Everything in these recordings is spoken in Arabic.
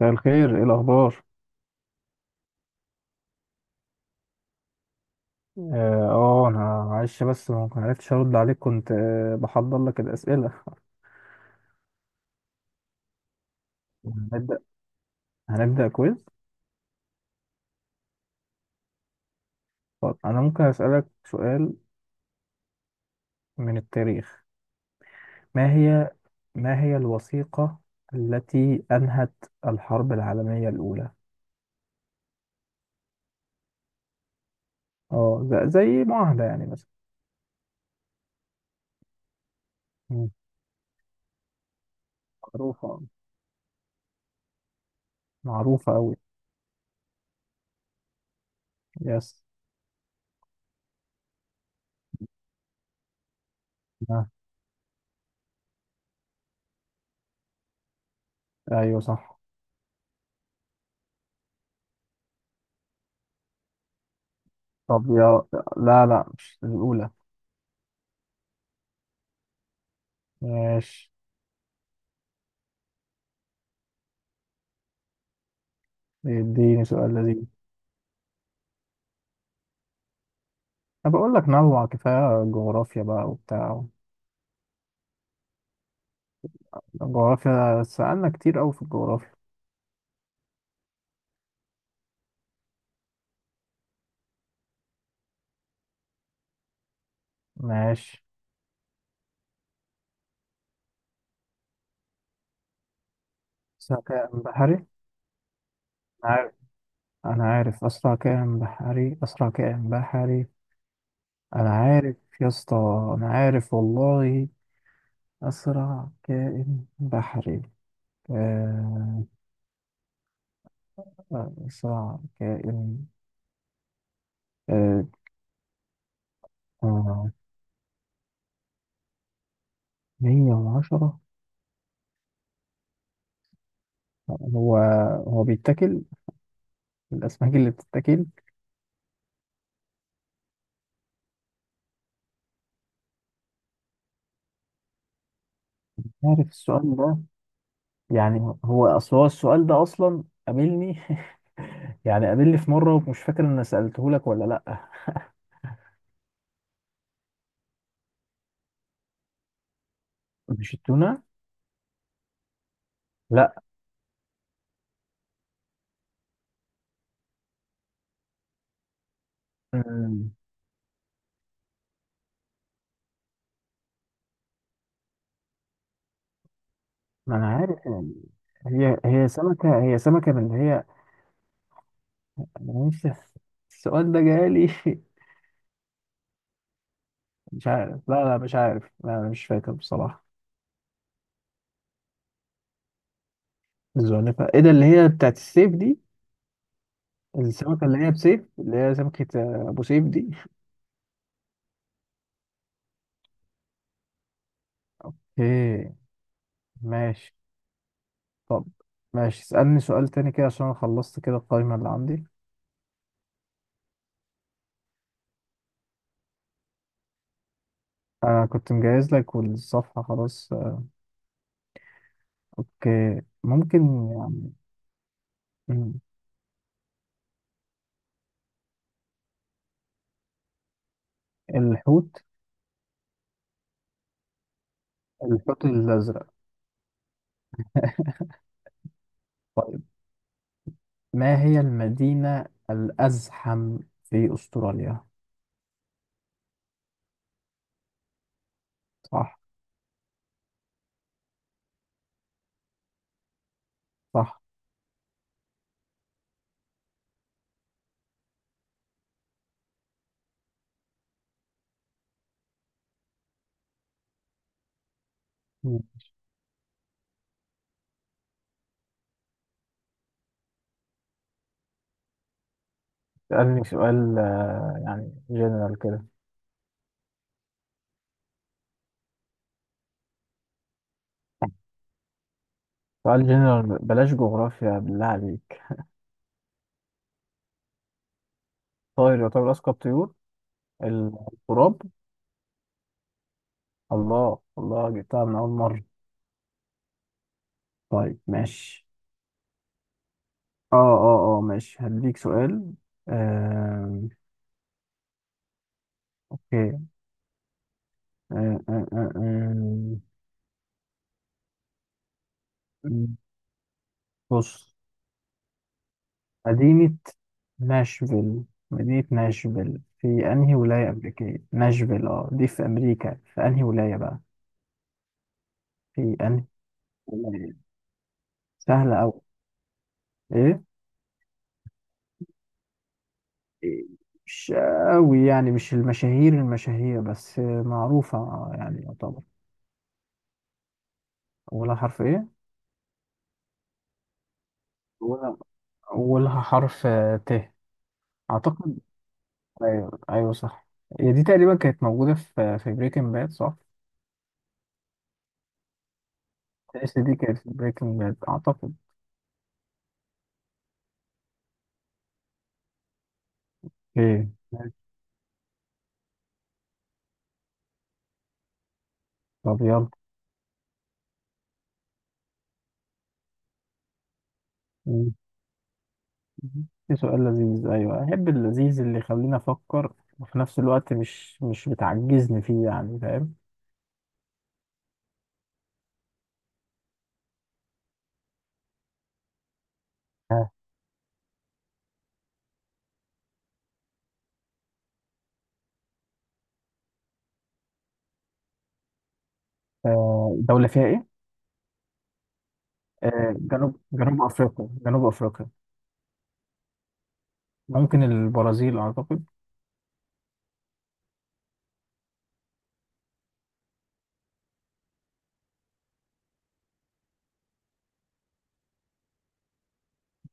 مساء الخير، ايه الاخبار؟ اه، انا معلش بس ما عرفتش ارد عليك، كنت بحضر لك الاسئله. هنبدا هنبدا كويز. طب انا ممكن اسالك سؤال من التاريخ؟ ما هي ما هي الوثيقه التي انهت الحرب العالميه الاولى؟ اه، زي معاهده يعني مثلا. مم. معروفه معروفه قوي. يس. آه، ايوه صح. طب يا لا، لا، مش الاولى. ماشي. اديني سؤال لذيذ. انا بقول لك نوع، كفايه جغرافيا بقى وبتاع. الجغرافيا سألنا كتير قوي في الجغرافيا. ماشي. اسرع كائن بحري؟ انا عارف انا عارف اسرع كائن بحري، اسرع كائن بحري. انا عارف يا اسطى. انا عارف والله. اسرع كائن بحري. آه، اسرع كائن. آه، آه، 110. هو هو بيتاكل الاسماك اللي بتتاكل. عارف السؤال ده؟ يعني هو السؤال ده اصلا قابلني يعني قابلني في مره، ومش فاكر ان سالته لك ولا لا. مش التونه لا. أمم، ما انا عارف يعني. هي سمكه هي سمكه من اللي هي. انا نفسي السؤال ده جالي مش عارف، لا لا مش عارف، لا انا مش فاكر بصراحه. الزعنفه ايه ده؟ اللي هي بتاعت السيف دي. السمكه اللي هي بسيف، اللي هي سمكه ابو سيف دي. ايه. ماشي. طب ماشي، اسالني سؤال تاني كده عشان انا خلصت كده القائمه اللي عندي. انا كنت مجهز لك والصفحة خلاص. اوكي ممكن يعني. مم. الحوت. الحوت الازرق. طيب، ما هي المدينة الازحم في استراليا؟ صح. صح. مم. سألني سؤال يعني جنرال كده. سؤال جنرال بلاش جغرافيا بالله عليك. طائر يعتبر اذكى الطيور؟ الغراب. الله الله جبتها من اول مرة. طيب ماشي. اه اه اه ماشي هديك سؤال. آه. اوكي، آه، آه، آه، آه. بص، مدينة ناشفيل. مدينة ناشفيل في أنهي ولاية أمريكية؟ ناشفيل اه دي في أمريكا، في أنهي ولاية بقى؟ في أنهي ولاية؟ سهلة أوي. إيه؟ إيه، مش أوي يعني، مش المشاهير المشاهير، بس معروفة يعني يعتبر. أولها حرف إيه؟ أولها أولها حرف ت. أعتقد. أيوه أيوه صح. هي دي تقريبا كانت موجودة في بريكنج باد صح؟ تأس دي كانت في بريكنج باد أعتقد. إيه. طب يلا. مم. في سؤال لذيذ؟ أيوة أحب اللذيذ اللي يخليني أفكر وفي نفس الوقت مش بتعجزني فيه، يعني فاهم. آه، دولة فيها إيه؟ جنوب جنوب أفريقيا. ممكن البرازيل أعتقد.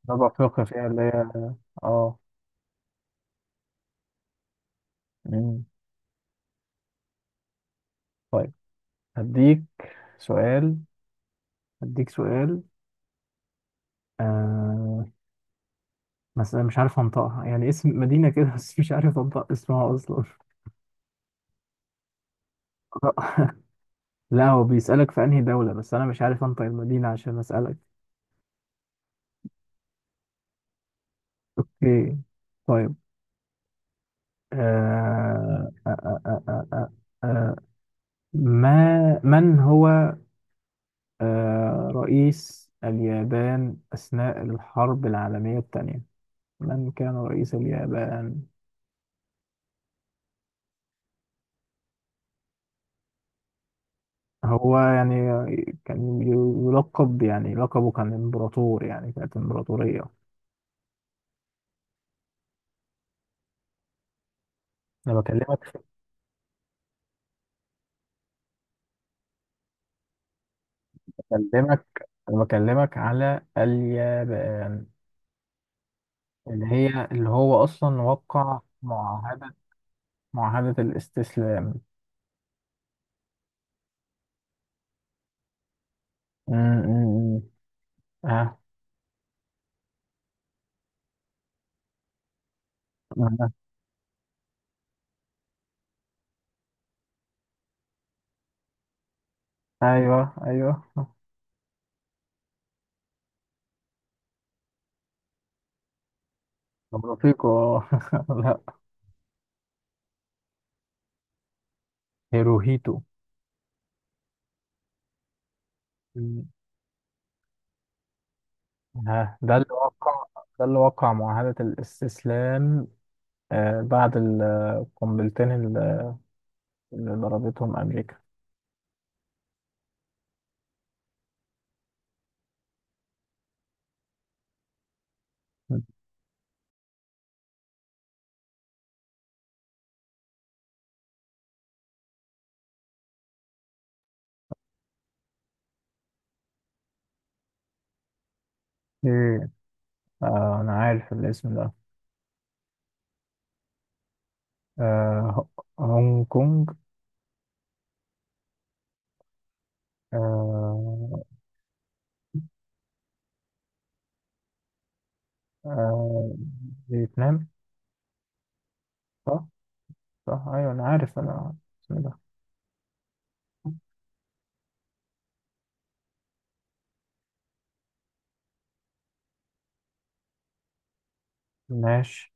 جنوب أفريقيا فيها اللي هي آه. مم. طيب، هديك سؤال. هديك سؤال آه مثلا مش عارف أنطقها يعني، اسم مدينة كده بس مش عارف أنطق اسمها أصلا. لا هو بيسألك في أنهي دولة بس أنا مش عارف أنطق المدينة عشان أسألك. أوكي. طيب. آه... آه... آه... آه... آه... آه... آه، ما من هو رئيس اليابان أثناء الحرب العالمية الثانية؟ من كان رئيس اليابان؟ هو يعني كان يلقب، يعني لقبه كان إمبراطور، يعني كانت إمبراطورية. انا بكلمك بكلمك انا بكلمك على اليابان. اللي هي اللي هو أصلا وقع معاهدة، معاهدة الاستسلام. م- م- م. آه. آه. آه. أيوه أيوه. طب رفيقه لا. هيروهيتو. م. آه. ده اللي وقع معاهدة الاستسلام. آه. بعد القنبلتين اللي اللي ضربتهم أمريكا. م. إيه. آه. أنا عارف الاسم ده. آه. هونج كونج. آه. آه. فيتنام. صح؟ صح ايوه، انا عارف انا اسمه ده. ماشي.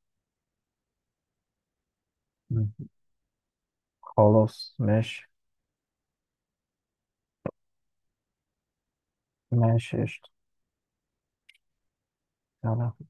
مم. خلاص ماشي. ماشي قشطة. يلا.